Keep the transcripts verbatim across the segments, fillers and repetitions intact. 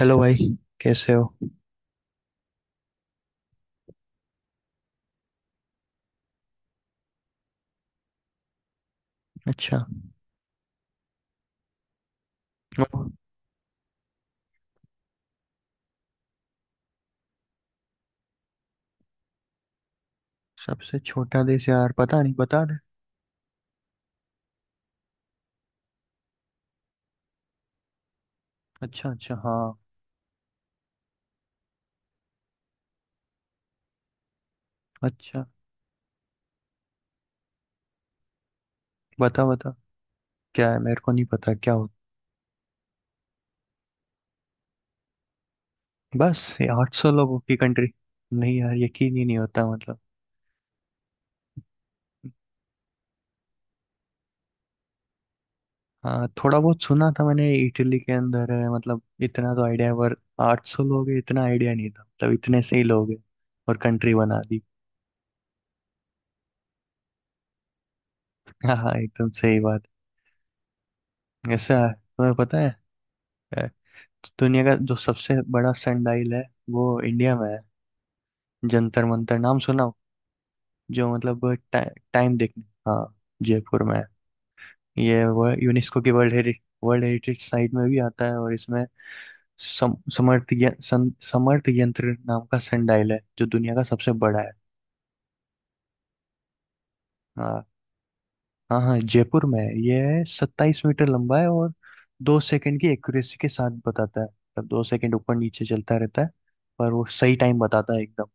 Hello भाई, कैसे हो। अच्छा। वो सबसे छोटा देश यार, पता नहीं, बता दे। अच्छा अच्छा हाँ। अच्छा, बता बता, क्या है, मेरे को नहीं पता, क्या हो। बस ये आठ सौ लोगों की कंट्री। नहीं यार, यकीन ही नहीं होता मतलब। हाँ, थोड़ा बहुत सुना था मैंने, इटली के अंदर है, मतलब इतना तो आइडिया है, पर आठ सौ लोग है इतना आइडिया नहीं था, मतलब इतने से ही लोग है और कंट्री बना दी। हाँ हाँ, एकदम सही बात। ऐसा है, तुम्हें पता है। अ, दुनिया का जो सबसे बड़ा सनडाइल है वो इंडिया में है। जंतर मंतर नाम सुना हो? जो मतलब टा, टाइम देखने, हाँ, जयपुर में है। ये वो यूनेस्को की world heritage world heritage site में भी आता है, और इसमें सम, समर्थ य- सं, समर्थ यंत्र नाम का संडाइल है, जो दुनिया का सबसे बड़ा है। हाँ हाँ, हाँ जयपुर में है। ये सत्ताईस मीटर लंबा है और दो सेकंड की एक्यूरेसी के साथ बताता है, मतलब दो सेकंड ऊपर नीचे चलता रहता है, पर वो सही टाइम बताता है एकदम।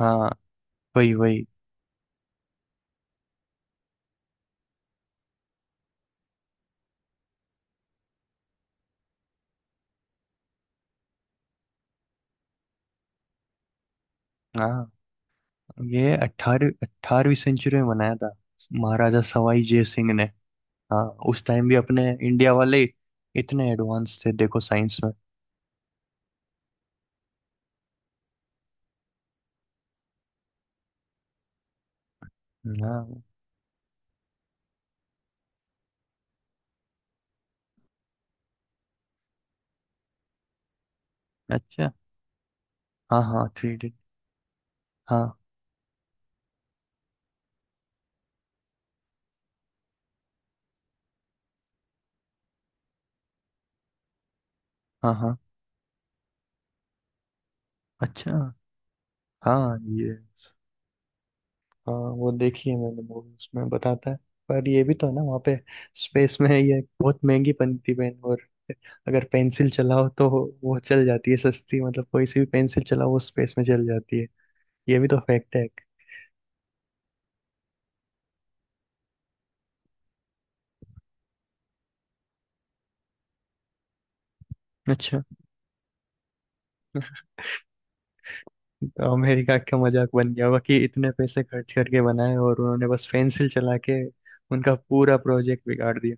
हाँ, वही वही। हाँ, ये अट्ठारह अठारहवीं सेंचुरी में बनाया था महाराजा सवाई जय सिंह ने। हाँ, उस टाइम भी अपने इंडिया वाले इतने एडवांस थे, देखो साइंस में। हाँ अच्छा, हाँ हाँ, थ्री डी। हाँ हाँ हाँ, अच्छा, हाँ, ये हाँ, वो देखी है मैंने मूवी, उसमें बताता है। पर ये भी तो है ना, वहाँ पे स्पेस में ये बहुत महंगी बनती पेन, और अगर पेंसिल चलाओ तो वो चल जाती है, सस्ती, मतलब कोई सी भी पेंसिल चलाओ वो स्पेस में चल जाती है। ये भी तो फैक्ट है एक। अच्छा, तो अमेरिका का मजाक बन गया होगा कि इतने पैसे खर्च करके बनाए और उन्होंने बस पेंसिल चला के उनका पूरा प्रोजेक्ट बिगाड़ दिया।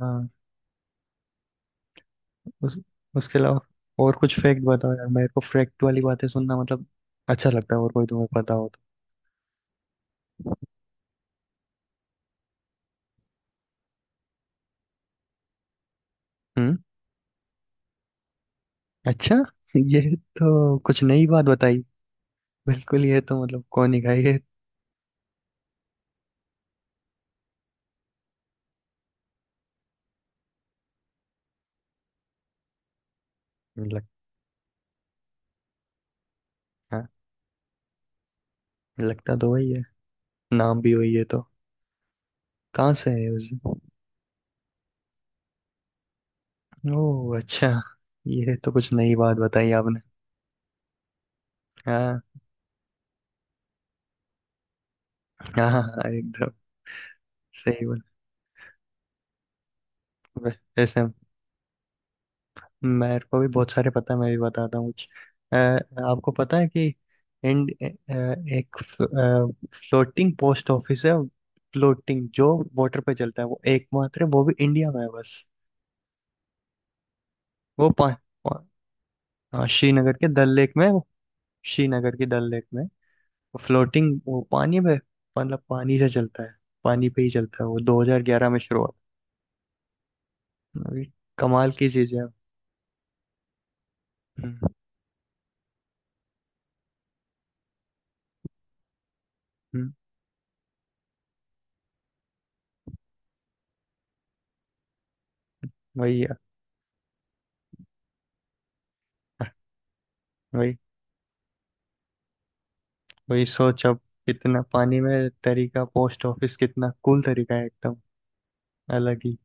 हाँ। उस, उसके अलावा और कुछ फैक्ट बताओ यार, मेरे को फैक्ट वाली बातें सुनना मतलब अच्छा लगता है, और कोई तुम्हें पता हो तो। हम्म, अच्छा। ये तो कुछ नई बात बताई। बिल्कुल, ये तो मतलब कौन ही खाई है। लग, हाँ, लगता तो वही है, नाम भी वही है तो। कहाँ से है उस। ओह अच्छा, ये तो कुछ नई बात बताई आपने। हाँ हाँ, हाँ, एकदम सही बात। वै- वैसे मेरे को भी बहुत सारे पता है, मैं भी बताता हूँ कुछ। अ, आपको पता है कि इंड अ, एक फ्लोटिंग पोस्ट ऑफिस है। फ्लोटिंग, जो वाटर पे चलता है, वो एकमात्र है, वो भी इंडिया में है बस। वो पा, पा, हाँ, श्रीनगर के डल लेक में है वो, श्रीनगर के डल लेक में। फ्लोटिंग, वो पानी में, मतलब पानी से चलता है, पानी पे ही चलता है। वो दो हज़ार ग्यारह में शुरू हुआ। अभी कमाल की चीज है। हम्म, हम्म, वही है। वही वही सोच अब, इतना पानी में तरीका पोस्ट ऑफिस, कितना कूल तरीका है, एकदम अलग ही।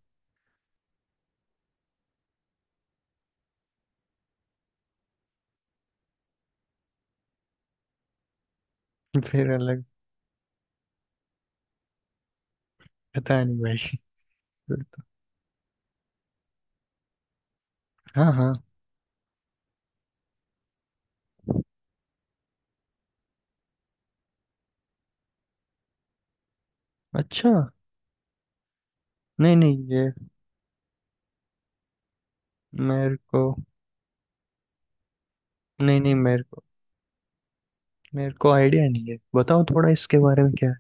फिर अलग, पता नहीं भाई, फिर तो। हाँ हाँ। अच्छा। नहीं नहीं, ये मेरे को नहीं नहीं मेरे को मेरे को आइडिया नहीं है, बताओ थोड़ा इसके बारे में क्या है।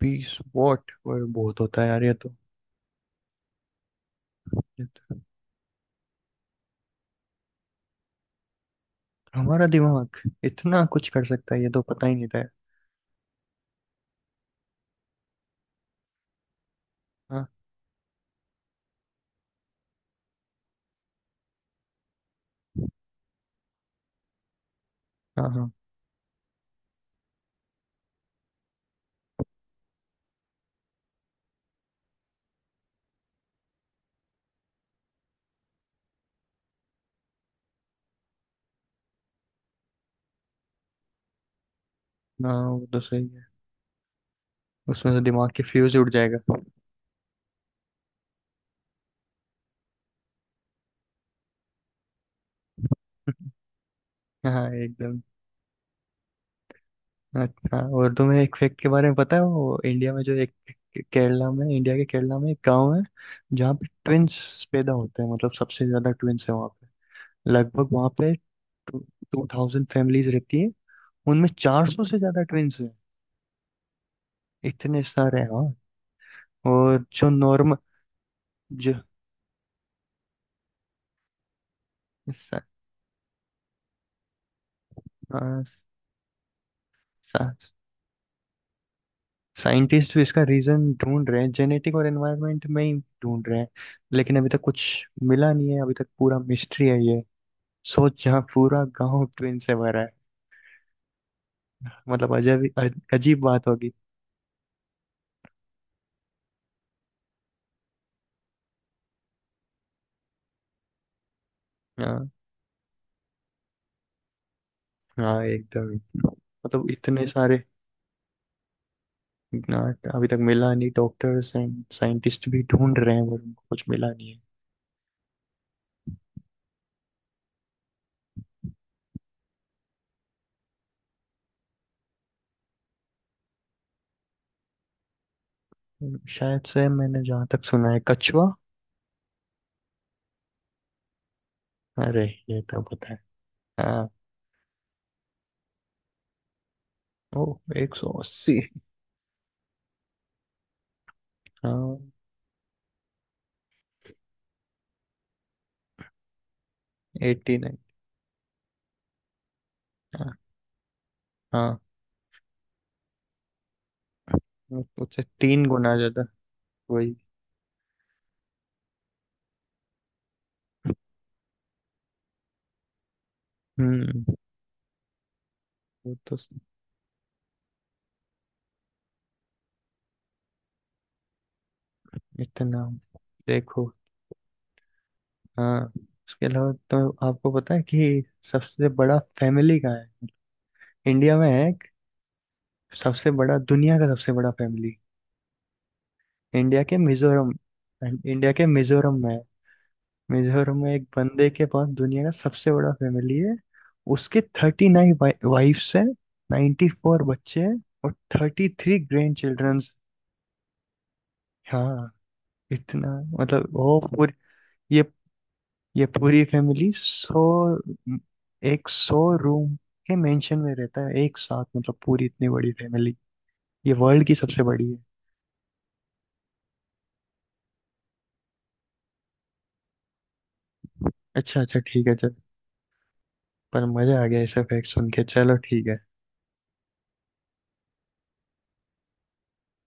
पीस वॉट और बहुत होता है यार, ये तो। ये तो हमारा दिमाग इतना कुछ कर सकता है, ये तो पता ही नहीं था यार। हाँ हाँ हाँ। हाँ, वो तो सही है, उसमें तो दिमाग के फ्यूज उड़ जाएगा। हाँ एकदम। अच्छा, और तुम्हें एक फैक्ट के बारे में पता है? वो इंडिया में जो एक केरला में, इंडिया के केरला में एक गांव है जहाँ पे ट्विंस पैदा होते हैं, मतलब सबसे ज्यादा ट्विंस है वहाँ पे। लगभग वहाँ पे टू थाउजेंड फैमिलीज रहती है, उनमें चार सौ से ज्यादा ट्विंस हैं। इतने सारे हैं, हाँ। और जो नॉर्मल, जो साइंटिस्ट भी इसका रीजन ढूंढ रहे हैं, जेनेटिक और एनवायरनमेंट में ही ढूंढ रहे हैं, लेकिन अभी तक कुछ मिला नहीं है, अभी तक पूरा मिस्ट्री है ये। सोच, यहाँ पूरा गांव ट्रेन से भरा है, मतलब अजब ही- अ- अजीब बात होगी। हाँ हाँ, एकदम ही। मतलब इतने सारे ना, अभी तक मिला नहीं, डॉक्टर्स एंड साइंटिस्ट भी ढूंढ रहे हैं पर उनको कुछ मिला नहीं। है, शायद से, मैंने जहाँ तक सुना है, कछुआ। अरे, ये तो पता है। हाँ। ओ, एक सौ अस्सी। हाँ, एट्टी नाइन। हाँ हाँ, उससे तीन गुना ज्यादा। वही। हम्म। वो तो इतना, देखो। हाँ, उसके अलावा तो आपको पता है कि सबसे बड़ा फैमिली कहाँ है? इंडिया में है एक, सबसे बड़ा, दुनिया का सबसे बड़ा फैमिली, इंडिया के मिजोरम, इंडिया के मिजोरम में है। मिजोरम में एक बंदे के पास दुनिया का सबसे बड़ा फैमिली है। उसके थर्टी नाइन वाइफ्स हैं, नाइन्टी फोर बच्चे हैं और थर्टी थ्री ग्रैंड चिल्ड्रंस। हाँ इतना, मतलब वो पूरी, ये ये पूरी फैमिली सौ एक सौ रूम के मेंशन में रहता है एक साथ, मतलब पूरी इतनी बड़ी फैमिली, ये वर्ल्ड की सबसे बड़ी है। अच्छा अच्छा, ठीक है चल। पर मजा आ गया ऐसे फैक्ट सुन के। चलो, ठीक है।